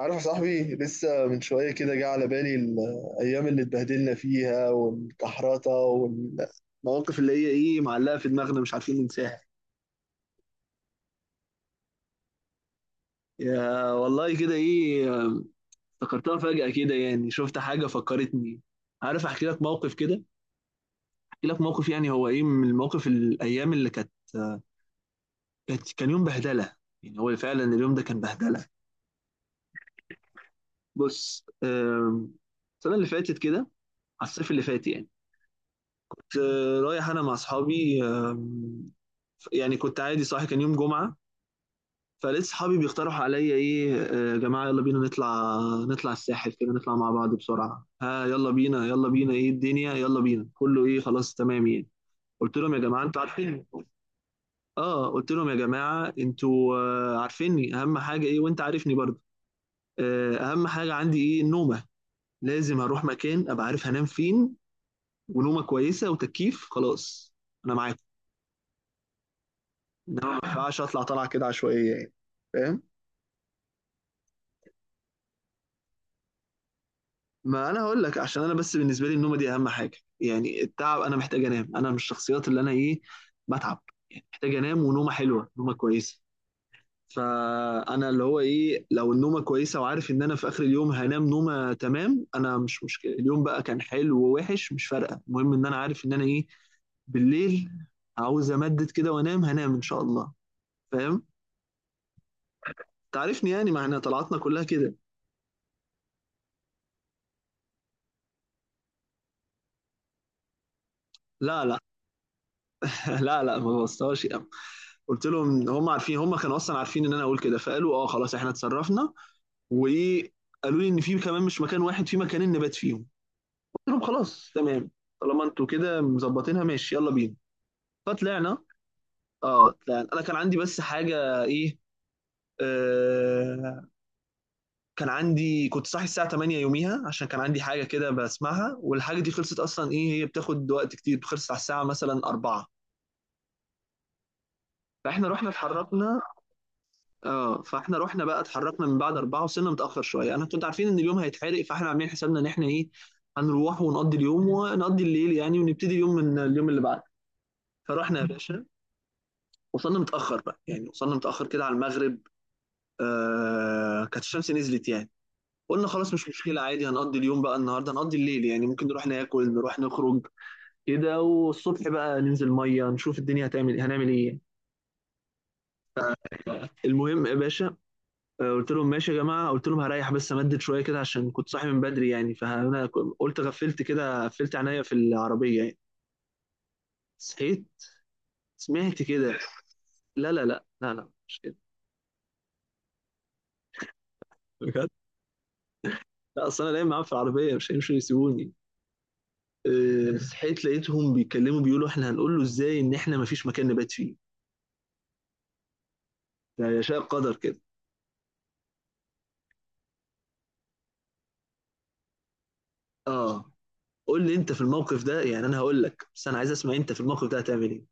عارف يا صاحبي، لسه من شوية كده جه على بالي الأيام اللي اتبهدلنا فيها والكحرطة والمواقف اللي هي إيه معلقة في دماغنا، مش عارفين ننساها. يا والله كده إيه. افتكرتها فجأة كده، يعني شفت حاجة فكرتني. عارف أحكي لك موقف كده؟ أحكي لك موقف، يعني هو إيه من المواقف، الأيام اللي كانت، كان يوم بهدلة. يعني هو فعلا اليوم ده كان بهدلة. بص، السنة اللي فاتت كده، على الصيف اللي فات يعني. رايح انا مع اصحابي، يعني كنت عادي صاحي، كان يوم جمعه. فلقيت صحابي بيقترحوا عليا ايه، يا جماعه يلا بينا نطلع، نطلع الساحل كده، نطلع مع بعض بسرعه، ها يلا بينا يلا بينا ايه الدنيا يلا بينا كله ايه خلاص تمام يعني. قلت لهم يا جماعه انتوا عارفيني. اه قلت لهم يا جماعه انتوا، عارفيني، اهم حاجه ايه؟ وانت عارفني برضه. اهم حاجه عندي ايه؟ النومه. لازم اروح مكان ابقى عارف هنام فين، ونومه كويسه وتكييف، خلاص انا معاكم. إنما ما ينفعش اطلع طلعه كده عشوائيه يعني. فاهم. ما انا هقول لك، عشان انا بس بالنسبه لي النومه دي اهم حاجه، يعني التعب، انا محتاج انام. انا من الشخصيات اللي انا ايه، بتعب. يعني محتاج انام، ونومه حلوه، نومه كويسه. فانا اللي هو ايه، لو النومه كويسه وعارف ان انا في اخر اليوم هنام نومه تمام، انا مش مشكله اليوم بقى كان حلو ووحش، مش فارقه. المهم ان انا عارف ان انا ايه بالليل، عاوز امدد كده وانام، هنام ان شاء الله. فاهم؟ تعرفني يعني، ما احنا طلعتنا كلها كده. لا لا. لا لا، ما بوظتهاش. قلت لهم هم عارفين، هم كانوا اصلا عارفين ان انا اقول كده، فقالوا اه خلاص احنا اتصرفنا. وايه، قالوا لي ان في كمان، مش مكان واحد، في مكانين نبات فيهم. قلت لهم خلاص تمام، طالما انتوا كده مظبطينها ماشي يلا بينا. فطلعنا. اه طلعنا. انا كان عندي بس حاجه ايه، آه كان عندي، كنت صاحي الساعه 8 يوميها، عشان كان عندي حاجه كده بسمعها، والحاجه دي خلصت اصلا ايه هي، بتاخد وقت كتير، خلصت على الساعه مثلا 4. فاحنا رحنا اتحركنا. اه فاحنا رحنا بقى اتحركنا من بعد أربعة. وصلنا متأخر شوية، أنا كنت عارفين إن اليوم هيتحرق، فاحنا عاملين حسابنا إن احنا إيه، هنروح ونقضي اليوم ونقضي الليل يعني، ونبتدي اليوم من اليوم اللي بعده. فرحنا يا باشا. وصلنا متأخر بقى يعني، وصلنا متأخر كده على المغرب. آه كانت الشمس نزلت يعني. قلنا خلاص مش مشكلة عادي، هنقضي اليوم بقى النهاردة، هنقضي الليل يعني، ممكن نروح ناكل، نروح نخرج كده، والصبح بقى ننزل مية، نشوف الدنيا هتعمل، هنعمل إيه يعني. المهم يا باشا، قلت لهم ماشي يا جماعه، قلت لهم هريح بس، امدد شويه كده عشان كنت صاحي من بدري يعني. فانا قلت غفلت كده، قفلت عينيا في العربيه يعني. صحيت، سمعت كده. لا لا لا لا لا، مش كده. بجد. لا اصل انا نايم معاهم في العربيه، مش هيمشوا يسيبوني. صحيت لقيتهم بيتكلموا، بيقولوا احنا هنقول له ازاي ان احنا ما فيش مكان نبات فيه؟ ده يشاء قدر كده. اه. قول لي انت في الموقف ده، يعني انا هقول لك بس انا عايز اسمع، انت في الموقف ده هتعمل ايه؟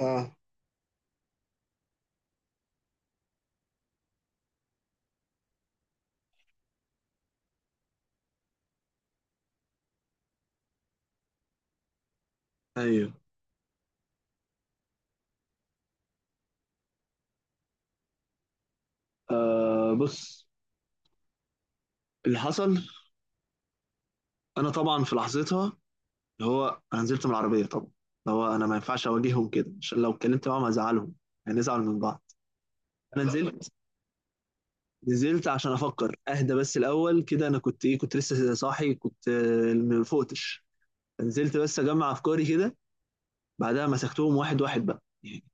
اه. ايوه. آه بص، اللي حصل، انا طبعا في لحظتها، اللي هو انا نزلت من العربيه طبعا، اللي هو انا ما ينفعش اواجههم كده، عشان لو اتكلمت معاهم هزعلهم، هنزعل من بعض. انا نزلت، نزلت عشان افكر اهدى بس الاول كده، انا كنت ايه، كنت لسه صاحي، كنت ما فقتش. نزلت بس اجمع افكاري كده. بعدها مسكتهم واحد واحد بقى يعني،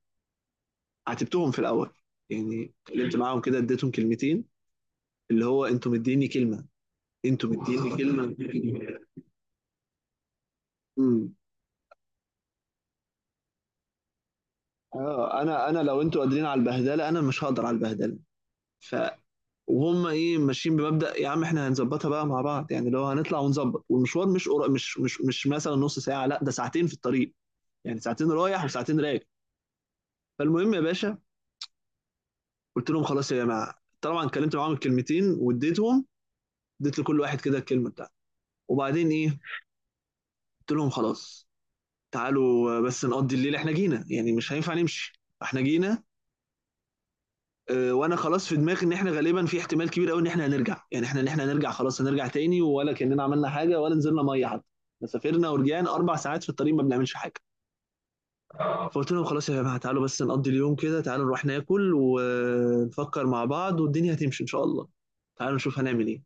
عاتبتهم في الاول، يعني اتكلمت معاهم كده، اديتهم كلمتين. اللي هو انتوا مديني كلمه، انتوا مديني كلمه. امم. اه انا لو انتوا قادرين على البهدله، انا مش هقدر على البهدله. ف، وهم ايه ماشيين بمبدأ يا عم، احنا هنظبطها بقى مع بعض يعني، لو هنطلع ونظبط، والمشوار مش قرا، مش مثلا نص ساعة، لا ده ساعتين في الطريق. يعني ساعتين رايح وساعتين راجع. فالمهم يا باشا، قلت لهم خلاص يا جماعة، طبعا اتكلمت معاهم الكلمتين واديتهم، اديت لكل واحد كده الكلمة بتاعته، وبعدين ايه، قلت لهم خلاص، تعالوا بس نقضي الليل، احنا جينا يعني مش هينفع نمشي، احنا جينا. وانا خلاص في دماغي ان احنا غالبا في احتمال كبير قوي ان احنا هنرجع، يعني احنا ان احنا هنرجع، خلاص هنرجع تاني، ولا كاننا عملنا حاجه، ولا نزلنا ميه حتى. إحنا سافرنا ورجعنا اربع ساعات في الطريق ما بنعملش حاجه. فقلت لهم خلاص يا جماعه، تعالوا بس نقضي اليوم كده، تعالوا نروح ناكل، ونفكر مع بعض والدنيا هتمشي ان شاء الله. تعالوا نشوف هنعمل ايه.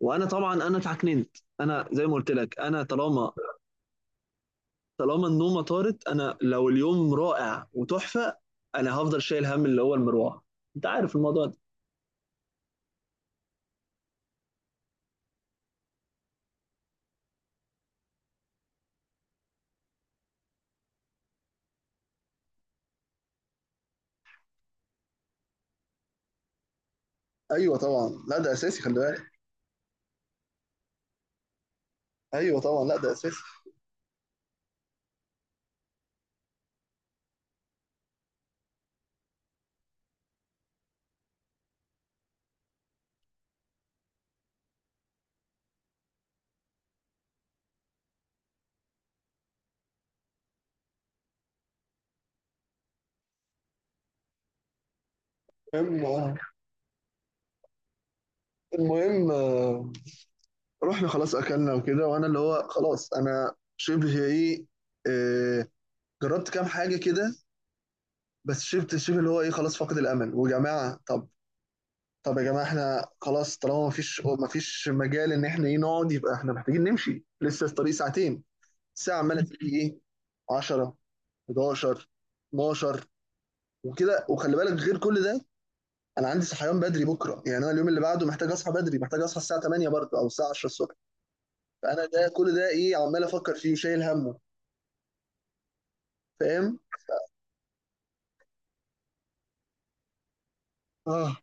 وانا طبعا انا اتعكننت، انا زي ما قلت لك، انا طالما، طالما النومه طارت، انا لو اليوم رائع وتحفه، انا هفضل شايل هم اللي هو المروحه. انت عارف الموضوع ده. ايوه طبعا لا ده اساسي، خلي بالك. ايوه طبعا لا ده اساسي. المهم، المهم آه، رحنا خلاص اكلنا وكده، وانا اللي هو خلاص انا شبه ايه، آه، جربت كام حاجه كده. بس شبت شبه اللي هو ايه، خلاص فاقد الامل. وجماعه طب، طب يا جماعه احنا خلاص، طالما مفيش مجال ان احنا ايه نقعد، يبقى احنا محتاجين نمشي لسه الطريق ساعتين. الساعه عماله تيجي ايه، 10، 11، 12، وكده. وخلي بالك غير كل ده، انا عندي صحيان بدري بكره، يعني انا اليوم اللي بعده محتاج اصحى بدري، محتاج اصحى الساعه 8 برضه او الساعه 10 الصبح. فانا ده كل ده ايه عمال افكر فيه وشايل همه. فاهم. اه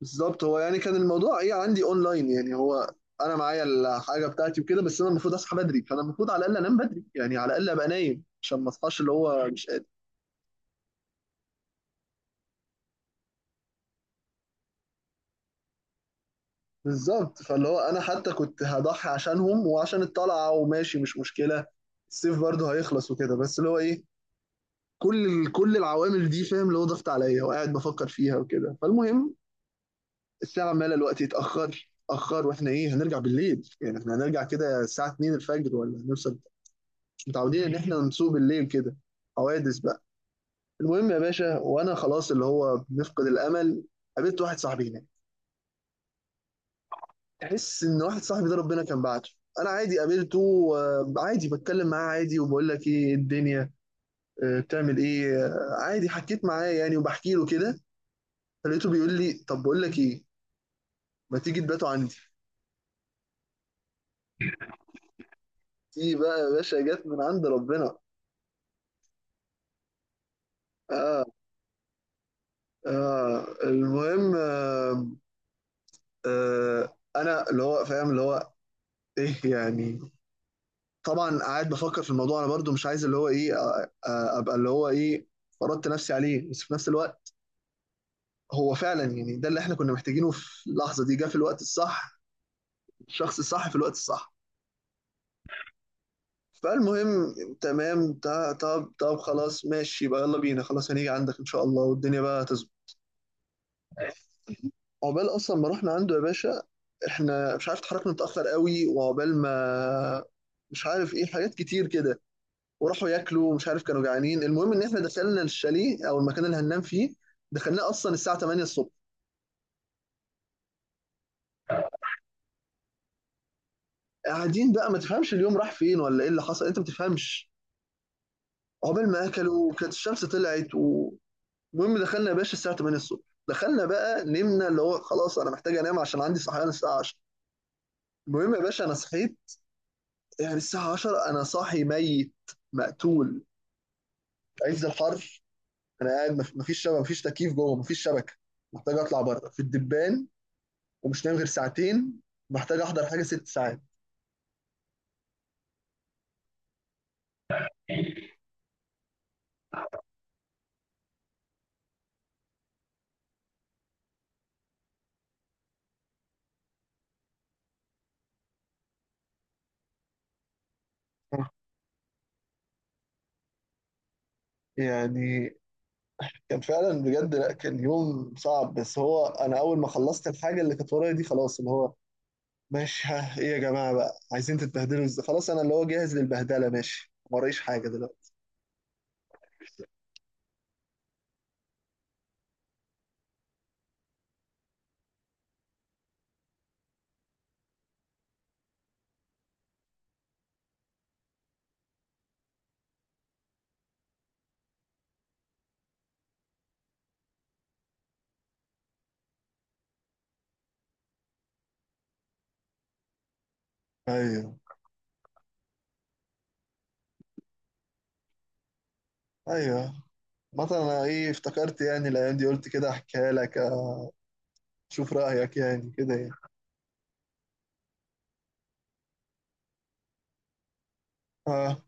بالظبط هو، يعني كان الموضوع ايه عندي اونلاين يعني هو، انا معايا الحاجه بتاعتي وكده، بس انا المفروض اصحى بدري، فانا المفروض على الاقل انام بدري، يعني على الاقل ابقى نايم عشان ما اصحاش اللي هو مش قادر. بالظبط. فاللي هو انا حتى كنت هضحي عشانهم وعشان الطلعه، وماشي مش مشكله الصيف برضه هيخلص وكده، بس اللي هو ايه، كل كل العوامل دي فاهم، اللي هو ضغط عليا وقاعد بفكر فيها وكده. فالمهم، الساعه عماله الوقت يتاخر، اتاخر، واحنا ايه هنرجع بالليل يعني، احنا هنرجع كده الساعه 2 الفجر ولا هنوصل. مش متعودين ان احنا نسوق بالليل كده، حوادث بقى. المهم يا باشا، وانا خلاص اللي هو بنفقد الامل، قابلت واحد صاحبي هناك. تحس ان واحد صاحبي ده ربنا كان بعته. انا عادي قابلته، عادي بتكلم معاه عادي، وبقول لك ايه الدنيا، بتعمل ايه، عادي حكيت معاه يعني، وبحكي له كده. فلقيته بيقول لي، طب بقول لك ايه، ما تيجي تباتوا عندي. دي بقى يا باشا جت من عند ربنا. اه. اه المهم، انا اللي هو فاهم اللي هو ايه يعني، طبعا قاعد بفكر في الموضوع، انا برضو مش عايز اللي هو ايه، ابقى اللي هو ايه، فرضت نفسي عليه، بس في نفس الوقت، هو فعلا يعني ده اللي احنا كنا محتاجينه في اللحظة دي، جه في الوقت الصح، الشخص الصح في الوقت الصح. فالمهم، تمام طب طب خلاص ماشي، يبقى يلا بينا، خلاص هنيجي عندك ان شاء الله، والدنيا بقى تظبط. عقبال اصلا ما رحنا عنده يا باشا، احنا مش عارف اتحركنا متاخر قوي، وعقبال ما، مش عارف ايه حاجات كتير كده، وراحوا ياكلوا مش عارف كانوا جعانين. المهم ان احنا دخلنا الشاليه او المكان اللي هننام فيه، دخلناه اصلا الساعه 8 الصبح. قاعدين بقى ما تفهمش اليوم راح فين ولا ايه اللي حصل، انت ما بتفهمش. عقبال ما اكلوا كانت الشمس طلعت و-. المهم دخلنا يا باشا الساعه 8 الصبح. دخلنا بقى نمنا اللي هو خلاص انا محتاج انام عشان عندي صحيان الساعه 10. المهم يا باشا انا صحيت، يعني الساعه 10 انا صاحي ميت، مقتول، عز الحر. انا قاعد مفيش شبكه، مفيش تكييف جوه، مفيش شبكه، محتاج اطلع بره في الدبان، ومش نايم غير ساعتين، محتاج احضر حاجه ست ساعات. يعني، كان فعلا بجد لا كان يوم صعب. بس هو انا اول ما خلصت الحاجه اللي كانت ورايا دي، خلاص اللي هو ماشي، ها ايه يا جماعه بقى عايزين تتبهدلوا ازاي، خلاص انا اللي هو جاهز للبهدله، ماشي ما ورايش حاجه دلوقتي. ايوه. ايوه، مثلا انا ايه افتكرت يعني الايام دي، قلت كده احكيها لك، اشوف رايك يعني كده يعني. اه.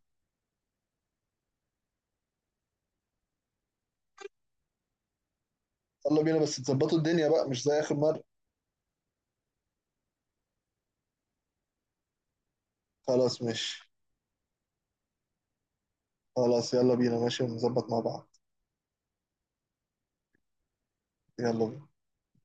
يلا بينا بس تظبطوا الدنيا بقى مش زي آخر مرة. خلاص ماشي. خلاص يلا بينا ماشي ونظبط مع بعض. يلا بينا.